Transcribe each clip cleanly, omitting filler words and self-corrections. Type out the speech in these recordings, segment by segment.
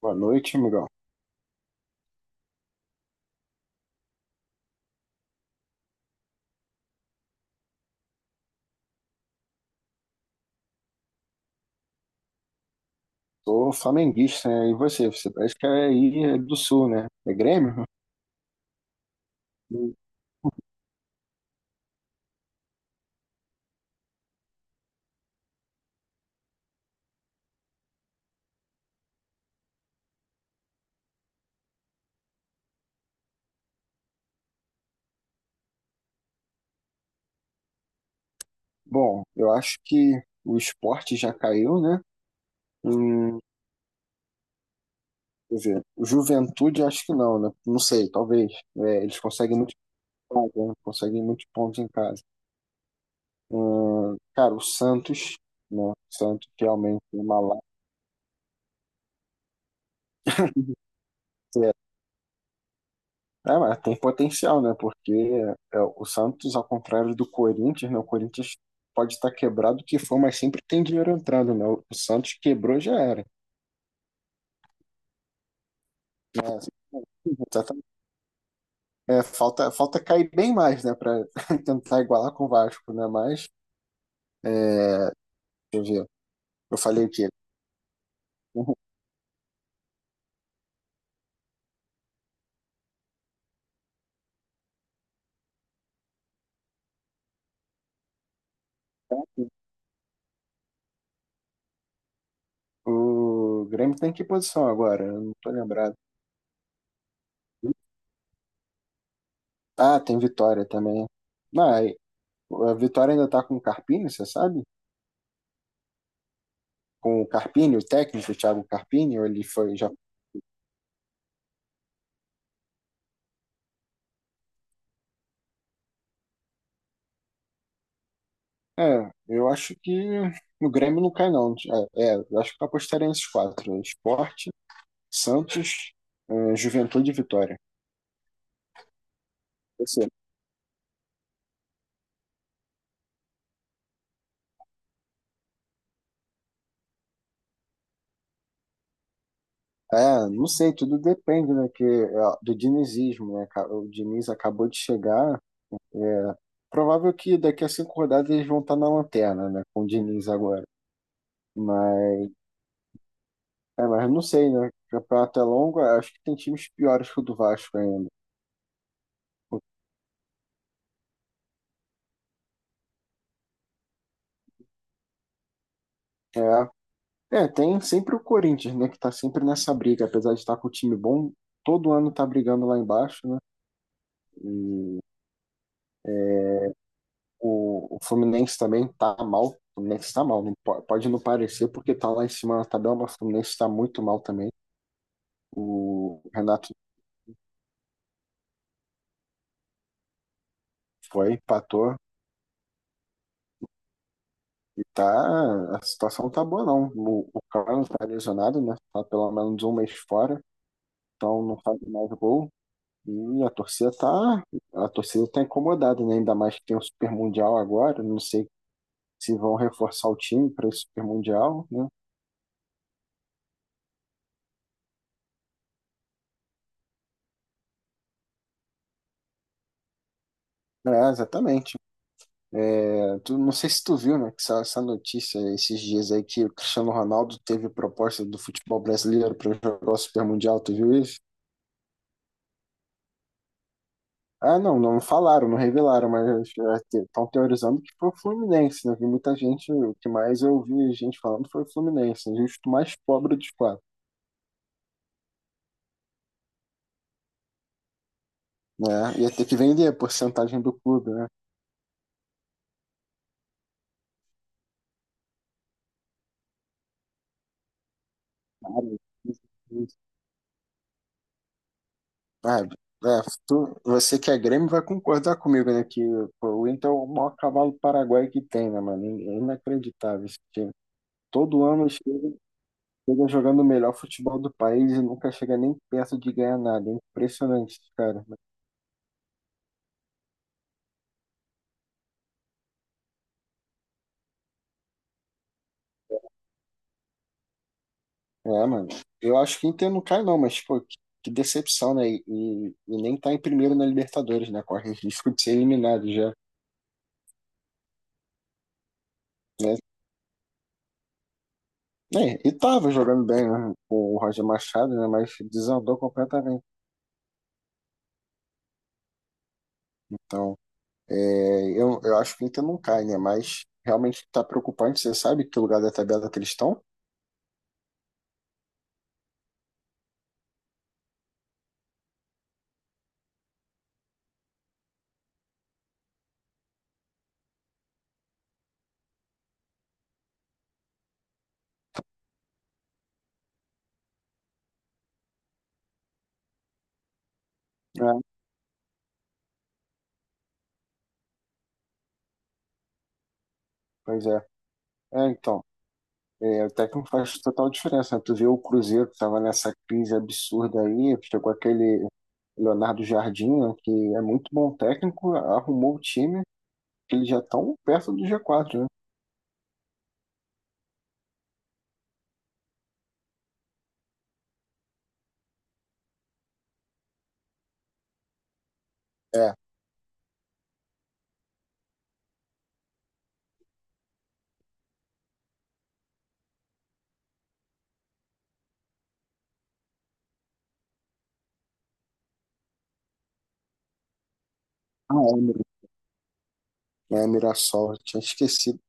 Boa noite, amigão. Sou flamenguista, né? E você? Você parece que é aí do Sul, né? É Grêmio? Hum. Bom, eu acho que o esporte já caiu, né? Hum, Quer dizer, o Juventude acho que não, né? Não sei, talvez. É, eles conseguem muitos pontos, né? Conseguem muitos pontos em casa. Cara, o Santos, né? O Santos realmente é uma lateral. É, mas tem potencial, né? Porque é, o Santos, ao contrário do Corinthians, né? O Corinthians pode estar quebrado o que for, mas sempre tem dinheiro entrando, né? O Santos quebrou, já era, né? Exatamente. É, falta cair bem mais, né? Pra tentar igualar com o Vasco, né? Mas, é, deixa eu ver. Eu falei o quê? O Grêmio tem que posição agora? Eu não tô lembrado. Ah, tem Vitória também. Não, aí, a Vitória ainda tá com o Carpini, você sabe? Com o Carpini, o técnico, o Thiago Carpini, ele foi já. É, eu acho que o Grêmio não cai, não. É, é, eu acho que eu apostaria nesses quatro: né, Sport, Santos, Juventude e Vitória. Você? É, não sei, tudo depende, né, que, é, do dinizismo, né, o Diniz acabou de chegar, é, provável que daqui a cinco rodadas eles vão estar na lanterna, né, com o Diniz agora, mas, é, mas não sei, né, o campeonato é longo, acho que tem times piores que o do Vasco ainda, é. É, tem sempre o Corinthians, né, que tá sempre nessa briga, apesar de estar com o time bom, todo ano tá brigando lá embaixo, né? E o Fluminense também tá mal. O Fluminense tá mal, pode não parecer porque tá lá em cima na tabela, mas o Fluminense tá muito mal também. O Renato foi, empatou e tá, a situação não tá boa, não. O Carlos tá lesionado, né? Tá pelo menos um mês fora, então não faz mais gol. E a torcida tá incomodada, né? Ainda mais que tem o Super Mundial agora, não sei se vão reforçar o time para esse Super Mundial, né? É, exatamente. É, tu, não sei se tu viu, né, que essa notícia esses dias aí que o Cristiano Ronaldo teve proposta do futebol brasileiro para jogar o Super Mundial, tu viu isso? Ah, não, não falaram, não revelaram, mas estão teorizando que foi o Fluminense, né? Vi muita gente, o que mais eu vi gente falando foi o Fluminense, né? Justo o mais pobre dos quatro. Né? Ia ter que vender a porcentagem do clube, né? Claro. Sabe? É, você que é Grêmio vai concordar comigo, né? Que pô, o Inter é o maior cavalo paraguaio que tem, né, mano? É inacreditável esse time. Todo ano chega, chega jogando o melhor futebol do país e nunca chega nem perto de ganhar nada. É impressionante, cara. Né? É, mano. Eu acho que o Inter não cai, não, mas, pô, que decepção, né? E nem tá em primeiro na Libertadores, né? Corre risco de ser eliminado já. Né? É, e tava jogando bem, né, com o Roger Machado, né, mas desandou completamente. Então, é, eu acho que o Inter não cai, né, mas realmente tá preocupante. Você sabe que lugar da tabela que eles estão? É, pois é. É, então, é, o técnico faz total diferença, né? Tu vê o Cruzeiro que tava nessa crise absurda aí, chegou aquele Leonardo Jardim, né, que é muito bom técnico, arrumou o time, eles já estão perto do G4, né? É, a Emira, né, Mirassol, eu tinha esquecido.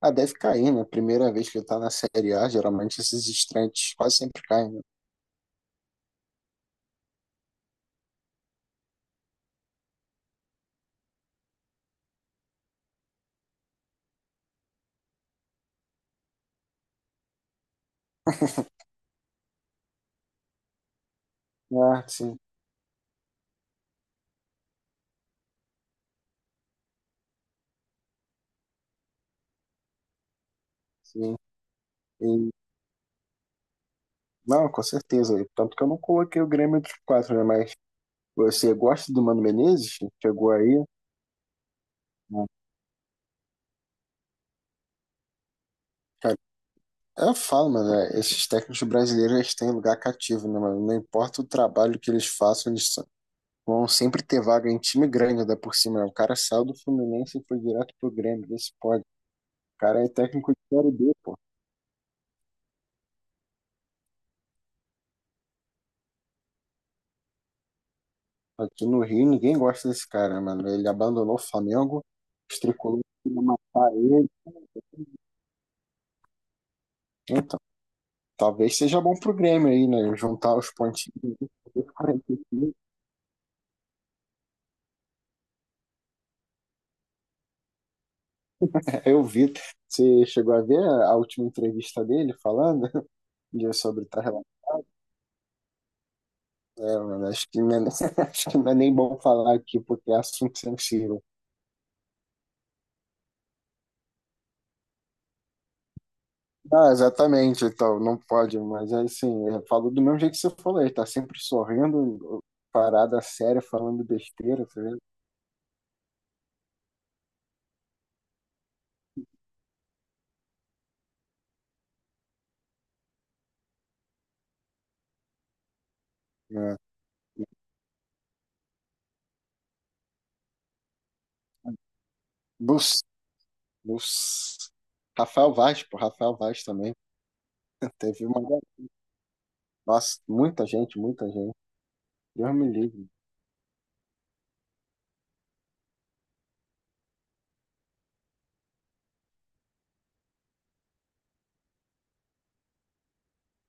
Ah, deve cair, né? Primeira vez que ele tá na Série A, geralmente esses estreantes quase sempre caem, né? Ah, sim, sim. E- não, com certeza. Tanto que eu não coloquei o Grêmio entre os quatro, né? Mas você gosta do Mano Menezes? Chegou aí? Né? Cara, eu falo, mano, é, esses técnicos brasileiros eles têm lugar cativo, né, mano? Não importa o trabalho que eles façam, eles são- vão sempre ter vaga em time grande, ainda por cima. Né? O cara saiu do Fluminense e foi direto pro Grêmio, vê se pode. O cara é técnico de Série B, pô. Aqui no Rio ninguém gosta desse cara, mano. Ele abandonou o Flamengo, os tricolores queriam matar ele. Então, talvez seja bom pro Grêmio aí, né? Juntar os pontinhos. Eu vi, você chegou a ver a última entrevista dele falando sobre tá relação? É, mano, acho que, não é, acho que não é nem bom falar aqui porque é assunto sensível. Ah, exatamente, então, não pode, mas é assim, eu falo do mesmo jeito que você falou, ele tá sempre sorrindo, parada séria, falando besteira, tá vendo? É. Bus, Bus. Rafael Vaz, pô, Rafael Vaz também. Teve uma. Nossa, muita gente, muita gente. Deus me livre.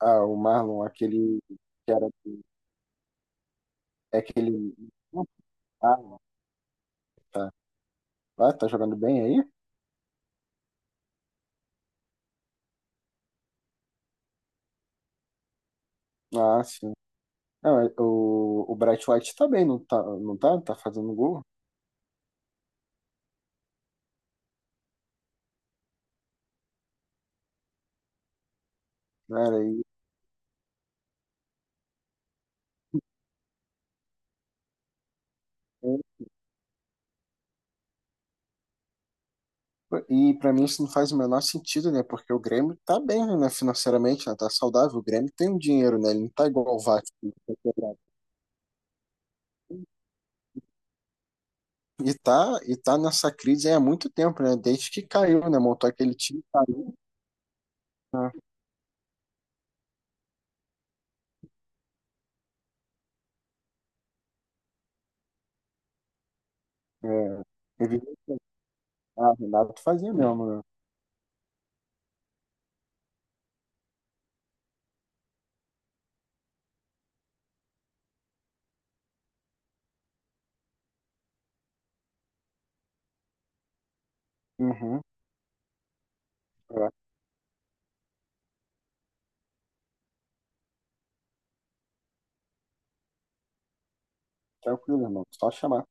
Ah, o Marlon, aquele que era. É aquele. Ah, tá. Tá. Ah, tá jogando bem aí? Ah, sim. Não, o Bright White tá bem, não tá? Não tá, tá fazendo gol? Cara, e pra mim isso não faz o menor sentido, né? Porque o Grêmio tá bem, né, financeiramente, né? Tá saudável. O Grêmio tem um dinheiro, né? Ele não tá igual o Vasco. E tá nessa crise aí há muito tempo, né? Desde que caiu, né? Montou aquele time e caiu, né? É, evidente- ah, Renato fazia mesmo, né? Uhum, é, tranquilo, irmão. Só chamar.